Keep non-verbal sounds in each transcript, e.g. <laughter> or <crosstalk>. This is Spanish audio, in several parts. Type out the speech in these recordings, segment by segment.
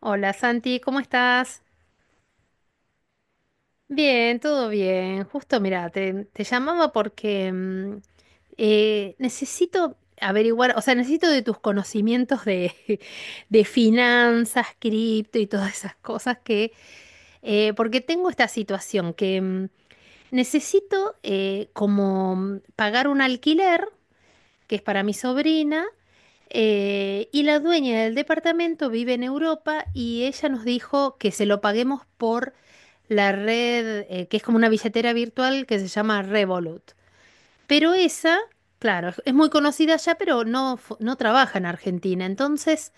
Hola Santi, ¿cómo estás? Bien, todo bien. Justo, mira, te llamaba porque necesito averiguar, o sea, necesito de tus conocimientos de, <laughs> de finanzas, cripto y todas esas cosas que, porque tengo esta situación que necesito pagar un alquiler que es para mi sobrina, y la dueña del departamento vive en Europa y ella nos dijo que se lo paguemos por la red, que es como una billetera virtual que se llama Revolut. Pero esa, claro, es muy conocida ya, pero no, no trabaja en Argentina. Entonces,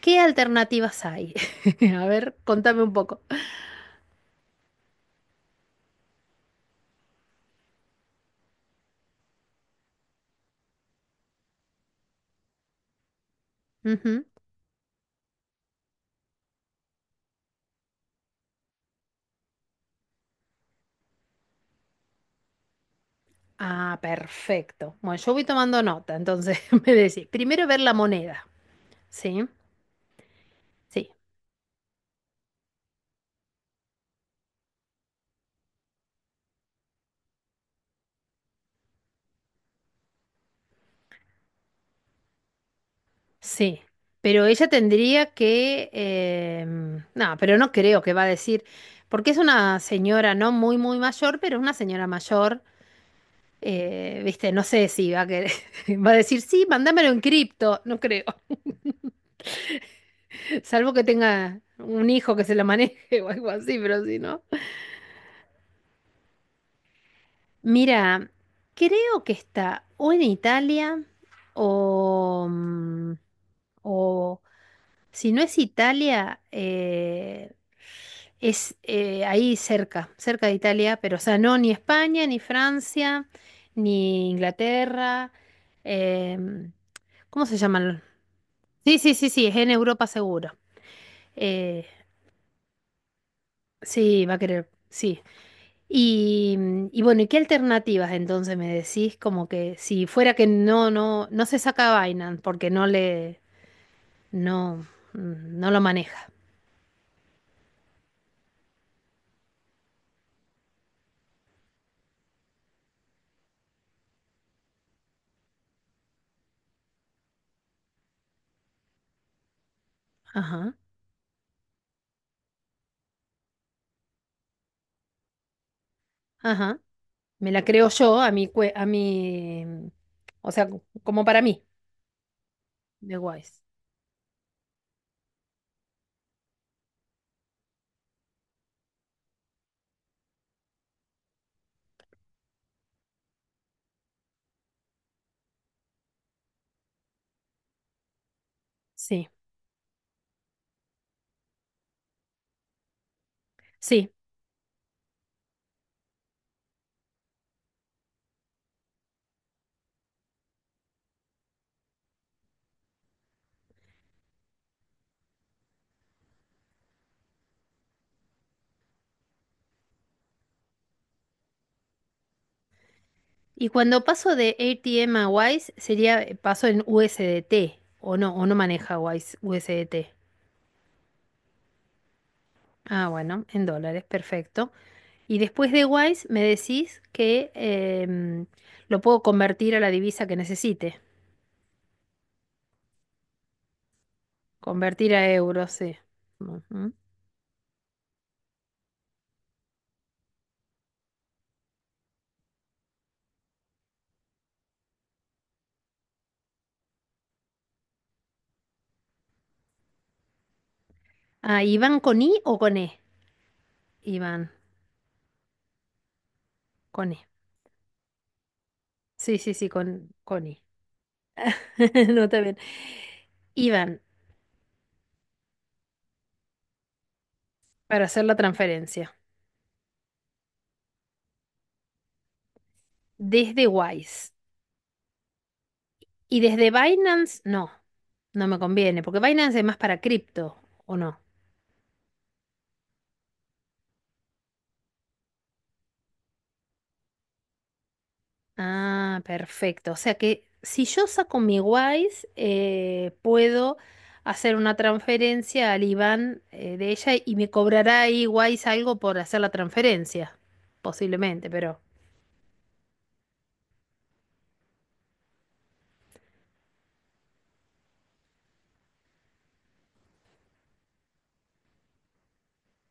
¿qué alternativas hay? <laughs> A ver, contame un poco. Ujú. Ah, perfecto. Bueno, yo voy tomando nota, entonces <laughs> me decís, primero ver la moneda, ¿sí? Sí. Sí, pero ella tendría que... no, pero no creo que va a decir, porque es una señora no muy mayor, pero es una señora mayor, viste, no sé si va a querer, <laughs> va a decir, sí, mándamelo en cripto, no creo, <laughs> salvo que tenga un hijo que se la maneje <laughs> o algo así, pero si no. Mira, creo que está o en Italia o, o si no es Italia, es ahí cerca, cerca de Italia, pero o sea, no ni España, ni Francia, ni Inglaterra. em, ¿Cómo se llaman? Sí, sí, sí, sí, es en Europa seguro. Eh, sí, va a querer, sí. Y, y bueno, ¿y qué alternativas entonces me decís? Como que si fuera que no, no, no se saca Binance porque no le, no, no lo maneja. Ajá, ajá. Me la creo yo a mi, a mi, o sea, como para mí, de Wise. Sí, sí. Y cuando paso de ATM a Wise, sería paso en USDT, o no maneja Wise USDT. Ah, bueno, en dólares, perfecto. Y después de Wise me decís que lo puedo convertir a la divisa que necesite. Convertir a euros, sí. Ujú. Ah, ¿y van con I o con E? Iván, con E. Sí, sí, sí, con I. <laughs> No, está bien. Iban para hacer la transferencia desde Wise y desde Binance, no, no me conviene, porque Binance es más para cripto, ¿o no? Ah, perfecto. O sea que si yo saco mi Wise, puedo hacer una transferencia al IBAN de ella y me cobrará ahí Wise algo por hacer la transferencia, posiblemente, pero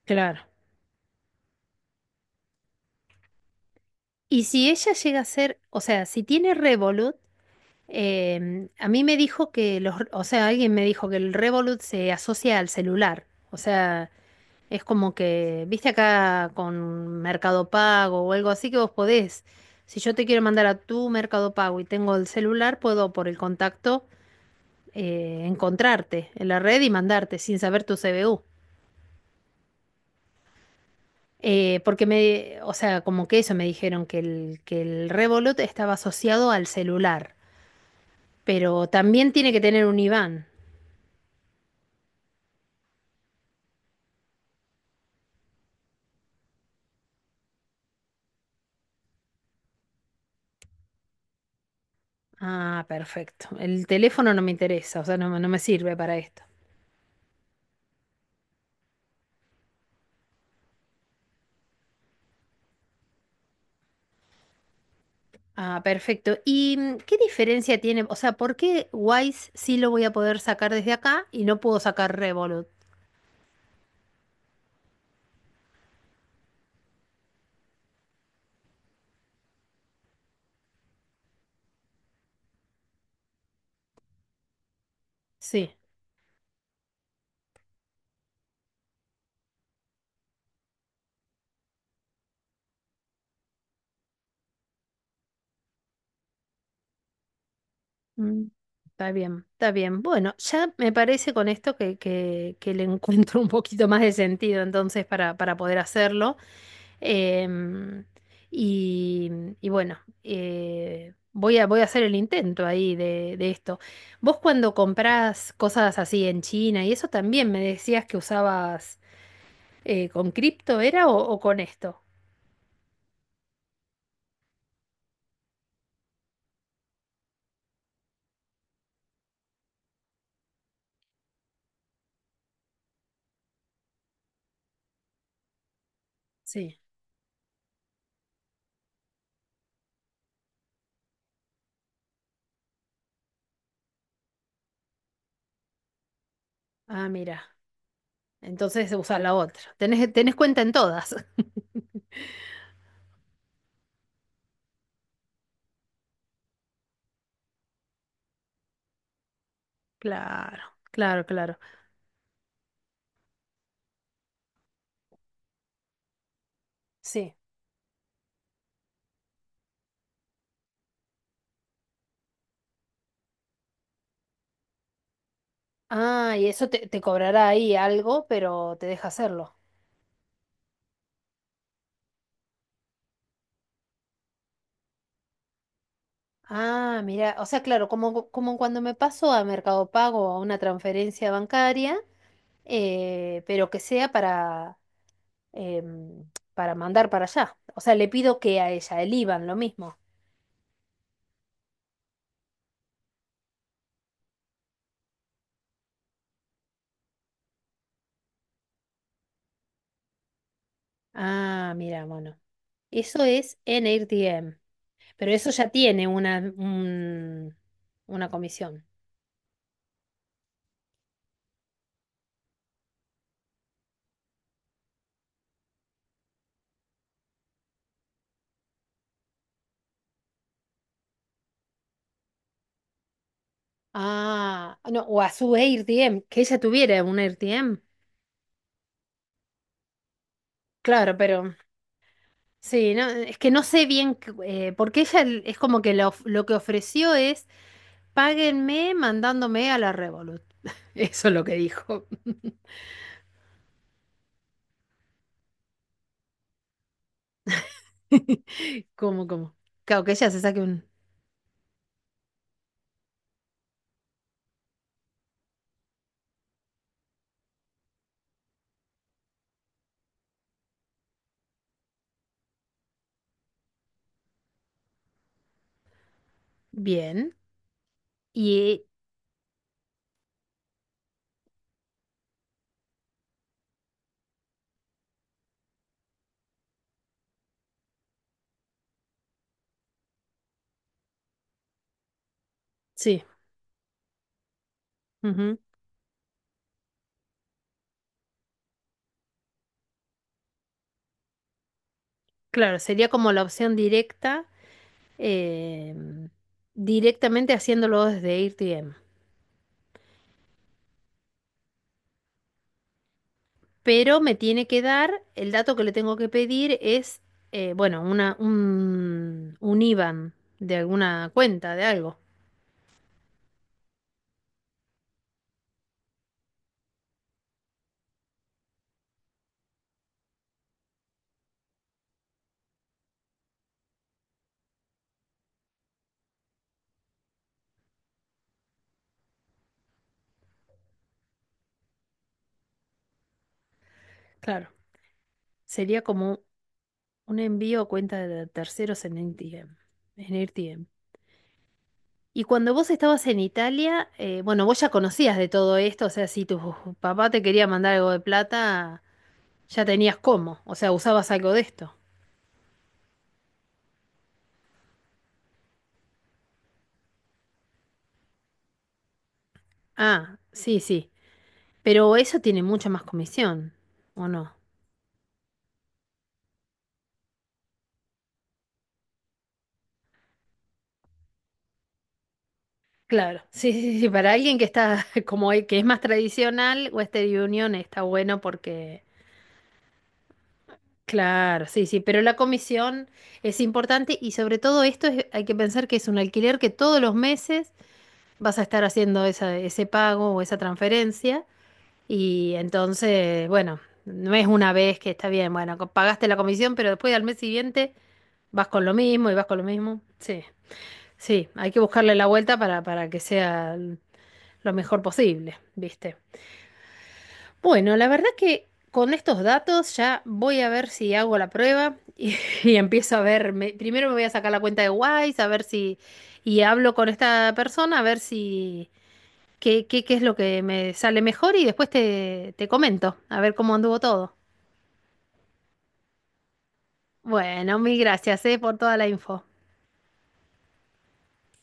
claro. Y si ella llega a ser, o sea, si tiene Revolut, a mí me dijo que los, o sea, alguien me dijo que el Revolut se asocia al celular. O sea, es como que, viste acá con Mercado Pago o algo así que vos podés. Si yo te quiero mandar a tu Mercado Pago y tengo el celular, puedo por el contacto encontrarte en la red y mandarte sin saber tu CBU. Porque me, o sea, como que eso me dijeron que que el Revolut estaba asociado al celular, pero también tiene que tener un IBAN. Ah, perfecto. El teléfono no me interesa, o sea, no, me no me sirve para esto. Ah, perfecto. ¿Y qué diferencia tiene? O sea, ¿por qué Wise sí lo voy a poder sacar desde acá y no puedo sacar Revolut? Sí. Mm, está bien, está bien. Bueno, ya me parece con esto que le <laughs> encuentro un poquito más de sentido entonces para poder hacerlo. Em, y, y bueno, voy a hacer el intento ahí de esto. Vos cuando comprás cosas así en China y eso también me decías que usabas con cripto, ¿era o con esto? Sí. Ah, mira. Entonces usás la otra. Tenés, tenés cuenta en todas. <laughs> Claro, claro, claro. Sí. Ah, y eso te, te cobrará ahí algo, pero te deja hacerlo. Ah, mira, o sea, claro, como, como cuando me paso a Mercado Pago o a una transferencia bancaria, pero que sea para, em, para mandar para allá. O sea, le pido que a ella, el IBAN, lo mismo. Ah, mira, bueno. Eso es en AirDM, pero eso ya tiene una comisión. Ah, no, o a su AirDM, que ella tuviera un AirDM. Claro, pero sí, no, es que no sé bien, porque ella es como que lo que ofreció es, páguenme mandándome a la Revolut. <laughs> Eso es lo que dijo. <laughs> ¿Cómo, cómo? Claro, que ella se saque un... Bien. Y sí, ujú. Claro, sería como la opción directa, eh, directamente haciéndolo desde AirTM. Pero me tiene que dar, el dato que le tengo que pedir es, bueno, un IBAN de alguna cuenta, de algo. Claro, sería como un envío a cuenta de terceros en AirTM. En AirTM. Y cuando vos estabas en Italia, bueno, vos ya conocías de todo esto, o sea, si tu papá te quería mandar algo de plata, ya tenías cómo, o sea, usabas algo de esto. Ah, sí, sí, pero eso tiene mucha más comisión, ¿o no? Claro, <laughs> sí, sí, sí, para alguien que está <laughs> como el que es más tradicional, Western Union está bueno porque claro, sí, sí, pero la comisión es importante y sobre todo esto hay que pensar que es un alquiler que todos los meses vas a estar haciendo ese pago o esa transferencia y entonces, bueno, no es una vez que está bien, bueno, pagaste la comisión, pero después al mes siguiente vas con lo mismo y vas con lo mismo. Sí, sí, hay que buscarle la vuelta para que sea lo mejor posible, ¿viste? Bueno, la verdad que con estos datos ya voy a ver si hago la prueba y, <laughs> y empiezo a ver, primero me voy a sacar la cuenta de Wise, a ver si, y hablo con esta persona, a ver si, qué, qué, qué es lo que me sale mejor y después te, te comento, a ver cómo anduvo todo. Bueno, mil gracias, por toda la info.